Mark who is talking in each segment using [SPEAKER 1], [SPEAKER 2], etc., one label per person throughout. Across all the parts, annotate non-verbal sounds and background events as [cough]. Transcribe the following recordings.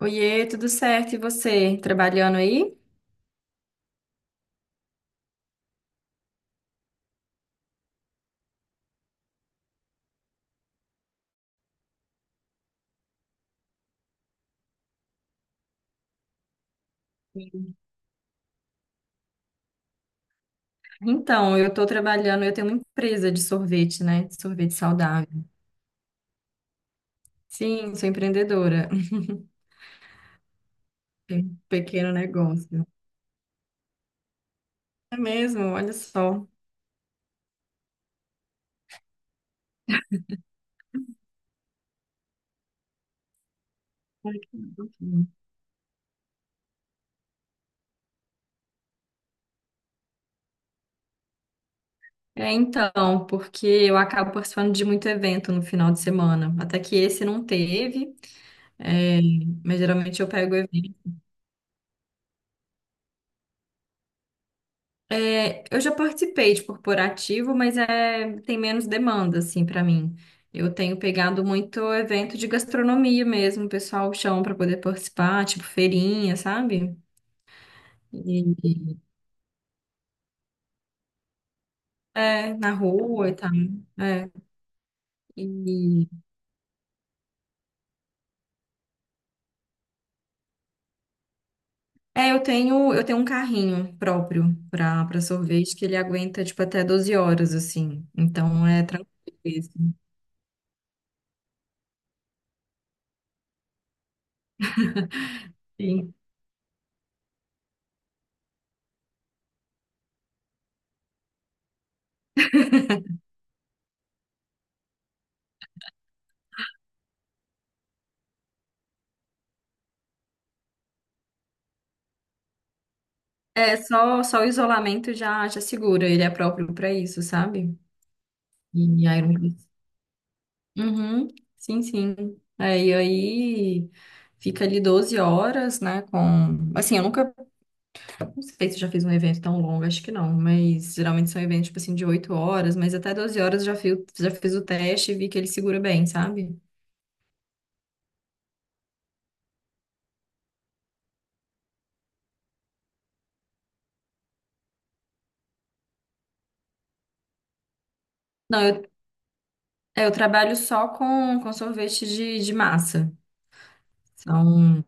[SPEAKER 1] Oiê, tudo certo? E você, trabalhando aí? Então, eu estou trabalhando, eu tenho uma empresa de sorvete, né? De sorvete saudável. Sim, sou empreendedora. [laughs] Tenho um pequeno negócio. É mesmo, olha só. Ai, que bom. É, então, porque eu acabo participando de muito evento no final de semana. Até que esse não teve, é, mas geralmente eu pego evento. É, eu já participei de corporativo, mas é, tem menos demanda, assim, para mim. Eu tenho pegado muito evento de gastronomia mesmo, o pessoal chama para poder participar, tipo feirinha, sabe? E- é, na rua e tal. É, e, é, eu tenho um carrinho próprio para sorvete que ele aguenta, tipo, até 12 horas, assim. Então, é tranquilo. Isso. Sim. É, só o isolamento já, já segura, ele é próprio para isso, sabe? Em Iron Fist. Uhum, sim, sim. É, e aí fica ali 12 horas, né? Com. Assim, eu nunca. Não sei se eu já fiz um evento tão longo, acho que não. Mas geralmente são eventos, tipo assim, de 8 horas, mas até 12 horas eu já fiz o teste e vi que ele segura bem, sabe? Não, eu, é, eu trabalho só com sorvete de massa. São.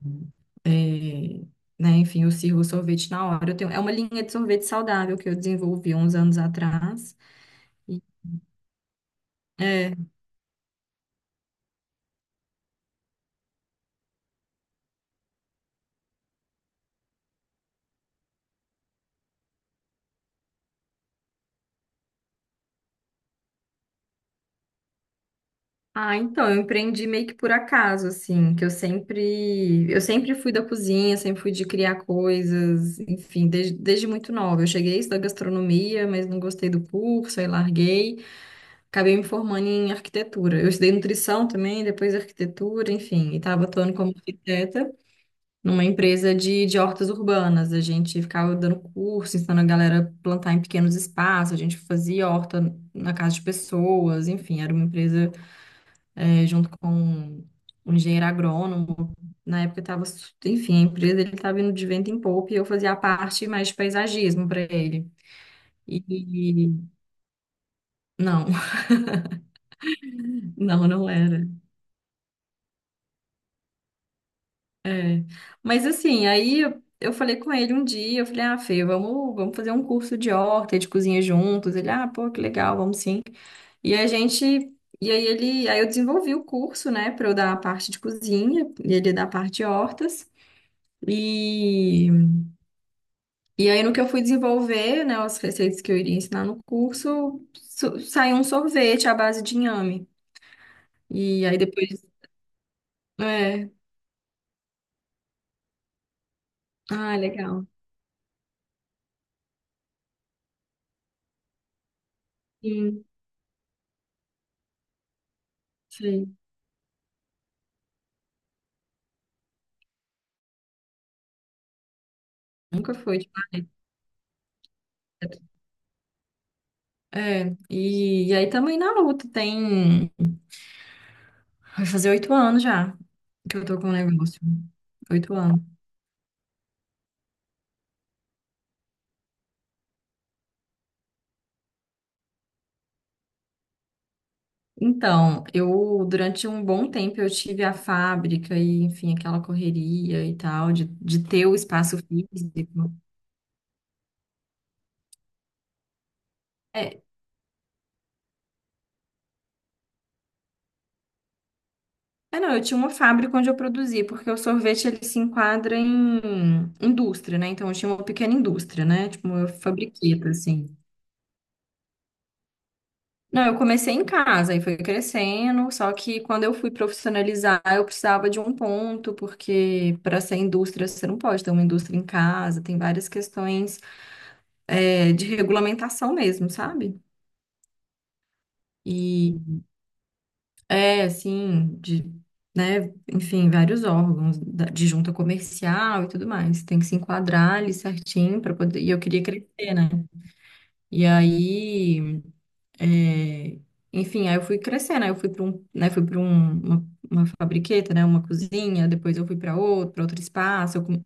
[SPEAKER 1] É, né, enfim, eu sirvo sorvete na hora. Eu tenho, é uma linha de sorvete saudável que eu desenvolvi uns anos atrás. Ah, então, eu empreendi meio que por acaso, assim, que eu sempre fui da cozinha, sempre fui de criar coisas, enfim, desde muito nova. Eu cheguei a estudar gastronomia, mas não gostei do curso, aí larguei, acabei me formando em arquitetura. Eu estudei nutrição também, depois arquitetura, enfim, e estava atuando como arquiteta numa empresa de hortas urbanas. A gente ficava dando curso, ensinando a galera a plantar em pequenos espaços, a gente fazia horta na casa de pessoas, enfim, era uma empresa é, junto com um engenheiro agrônomo. Na época estava, enfim, a empresa ele estava indo de vento em popa e eu fazia a parte mais de paisagismo para ele. E não, [laughs] não era. É. Mas assim, aí eu falei com ele um dia, eu falei, ah, Fê, vamos, vamos fazer um curso de horta, e de cozinha juntos. Ele, ah, pô, que legal, vamos sim. E a gente, e aí ele, aí eu desenvolvi o curso, né, para eu dar a parte de cozinha e ele dar a parte de hortas. E E aí, no que eu fui desenvolver, né, as receitas que eu iria ensinar no curso, saiu um sorvete à base de inhame. E aí depois. É. Ah, legal. Sim, sei. Nunca foi de marmita. É. E, e aí também na luta, tem. Vai fazer 8 anos já que eu tô com o negócio. 8 anos. Então, eu durante um bom tempo eu tive a fábrica e, enfim, aquela correria e tal, de ter o espaço físico. É, É, não, eu tinha uma fábrica onde eu produzia, porque o sorvete ele se enquadra em indústria, né? Então eu tinha uma pequena indústria, né? Tipo uma fabriqueta, assim. Não, eu comecei em casa e foi crescendo, só que quando eu fui profissionalizar, eu precisava de um ponto, porque para ser indústria você não pode ter uma indústria em casa, tem várias questões, é, de regulamentação mesmo, sabe? É, assim, de, né, enfim, vários órgãos de junta comercial e tudo mais. Tem que se enquadrar ali certinho para poder. E eu queria crescer, né? E aí, é, enfim, aí eu fui crescendo, aí eu fui para um, né, fui para um, uma fabriqueta, né, uma cozinha, depois eu fui para outro espaço. Eu come-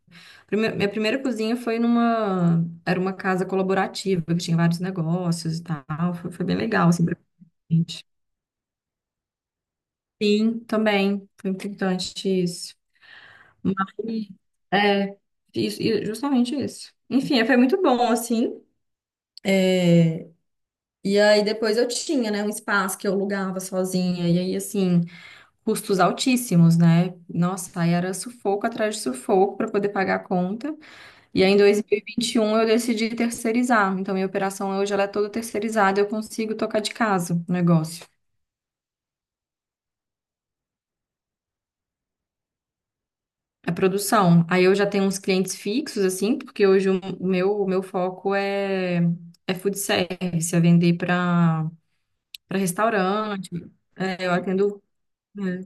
[SPEAKER 1] Prime- Minha primeira cozinha foi numa, era uma casa colaborativa, que tinha vários negócios e tal. Foi, foi bem legal, assim, pra gente. Sim, também. Foi importante isso. Mas, é, isso, e justamente isso. Enfim, é, foi muito bom, assim. É, e aí depois eu tinha, né, um espaço que eu alugava sozinha, e aí, assim, custos altíssimos, né? Nossa, aí era sufoco atrás de sufoco para poder pagar a conta. E aí em 2021 eu decidi terceirizar. Então, minha operação hoje ela é toda terceirizada, eu consigo tocar de casa o negócio. É produção. Aí eu já tenho uns clientes fixos, assim, porque hoje o meu foco é, é food service, é vender para restaurante. É, eu atendo. É,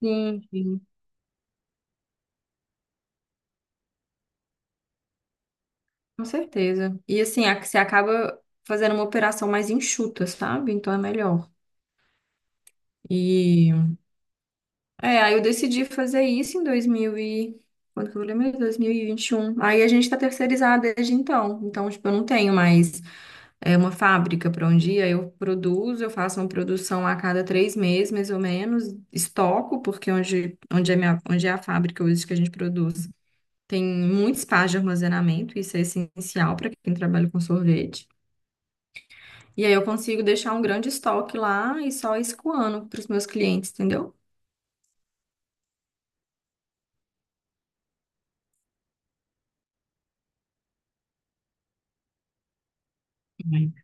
[SPEAKER 1] sim, sim, com certeza. E assim, você acaba fazendo uma operação mais enxuta, sabe? Então é melhor. E é, aí eu decidi fazer isso em 2000 e... Quando que eu lembro? 2021. Aí a gente tá terceirizado desde então. Então, tipo, eu não tenho mais. É uma fábrica para um dia. Eu produzo, eu faço uma produção a cada 3 meses, mais ou menos, estoco, porque onde, é, minha, onde é a fábrica hoje que a gente produz, tem muito espaço de armazenamento, isso é essencial para quem trabalha com sorvete. E aí eu consigo deixar um grande estoque lá e só escoando para os meus clientes, entendeu? Sim.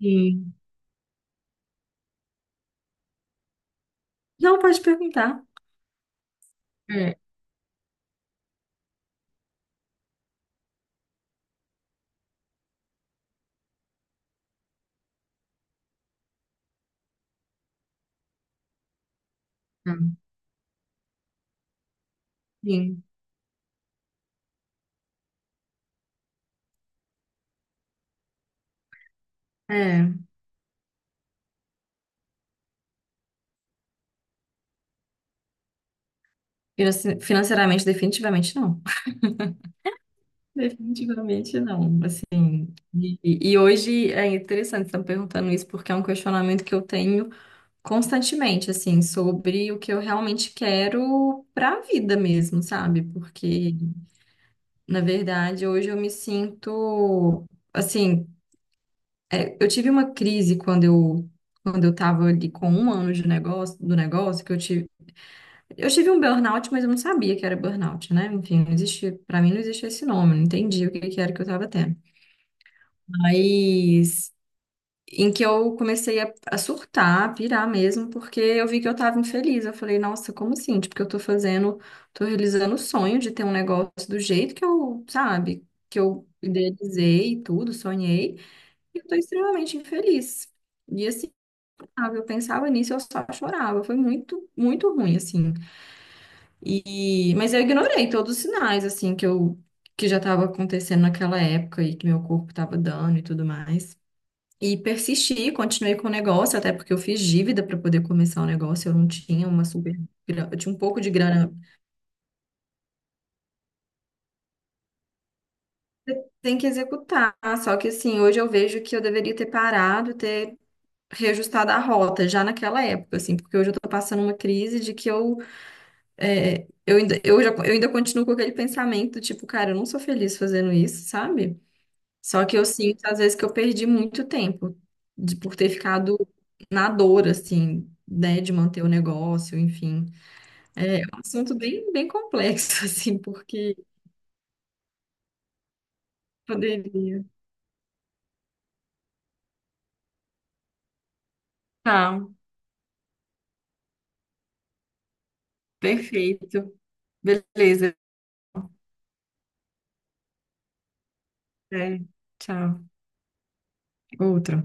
[SPEAKER 1] Sim. Não, pode perguntar. É, tá. Sim. É, financeiramente, definitivamente não. [laughs] Definitivamente não. Assim, E, e hoje é interessante estar perguntando isso, porque é um questionamento que eu tenho constantemente, assim, sobre o que eu realmente quero para a vida mesmo, sabe? Porque, na verdade, hoje eu me sinto, assim, é, eu tive uma crise quando eu estava ali com um ano de negócio, do negócio, que eu tive um burnout, mas eu não sabia que era burnout, né? Enfim, não existia, para mim não existia esse nome, eu não entendi o que que era que eu estava tendo. Mas em que eu comecei a surtar, a pirar mesmo, porque eu vi que eu tava infeliz. Eu falei, nossa, como assim? Tipo, que eu tô fazendo, tô realizando o sonho de ter um negócio do jeito que eu, sabe, que eu idealizei e tudo, sonhei, e eu tô extremamente infeliz. E assim, sabe, eu pensava nisso, eu só chorava. Foi muito, muito ruim, assim. E, mas eu ignorei todos os sinais, assim, que eu, que já tava acontecendo naquela época e que meu corpo tava dando e tudo mais. E persisti, continuei com o negócio, até porque eu fiz dívida para poder começar o negócio, eu não tinha uma super. Eu tinha um pouco de grana. Você tem que executar, só que assim, hoje eu vejo que eu deveria ter parado, ter reajustado a rota já naquela época, assim, porque hoje eu tô passando uma crise de que eu, é, eu ainda, eu já, eu ainda continuo com aquele pensamento, tipo, cara, eu não sou feliz fazendo isso, sabe? Só que eu sinto, às vezes, que eu perdi muito tempo de, por ter ficado na dor, assim, né, de manter o negócio, enfim. É um assunto bem, bem complexo, [laughs] assim, porque poderia. Tá, perfeito. Beleza. É, tchau. Outro.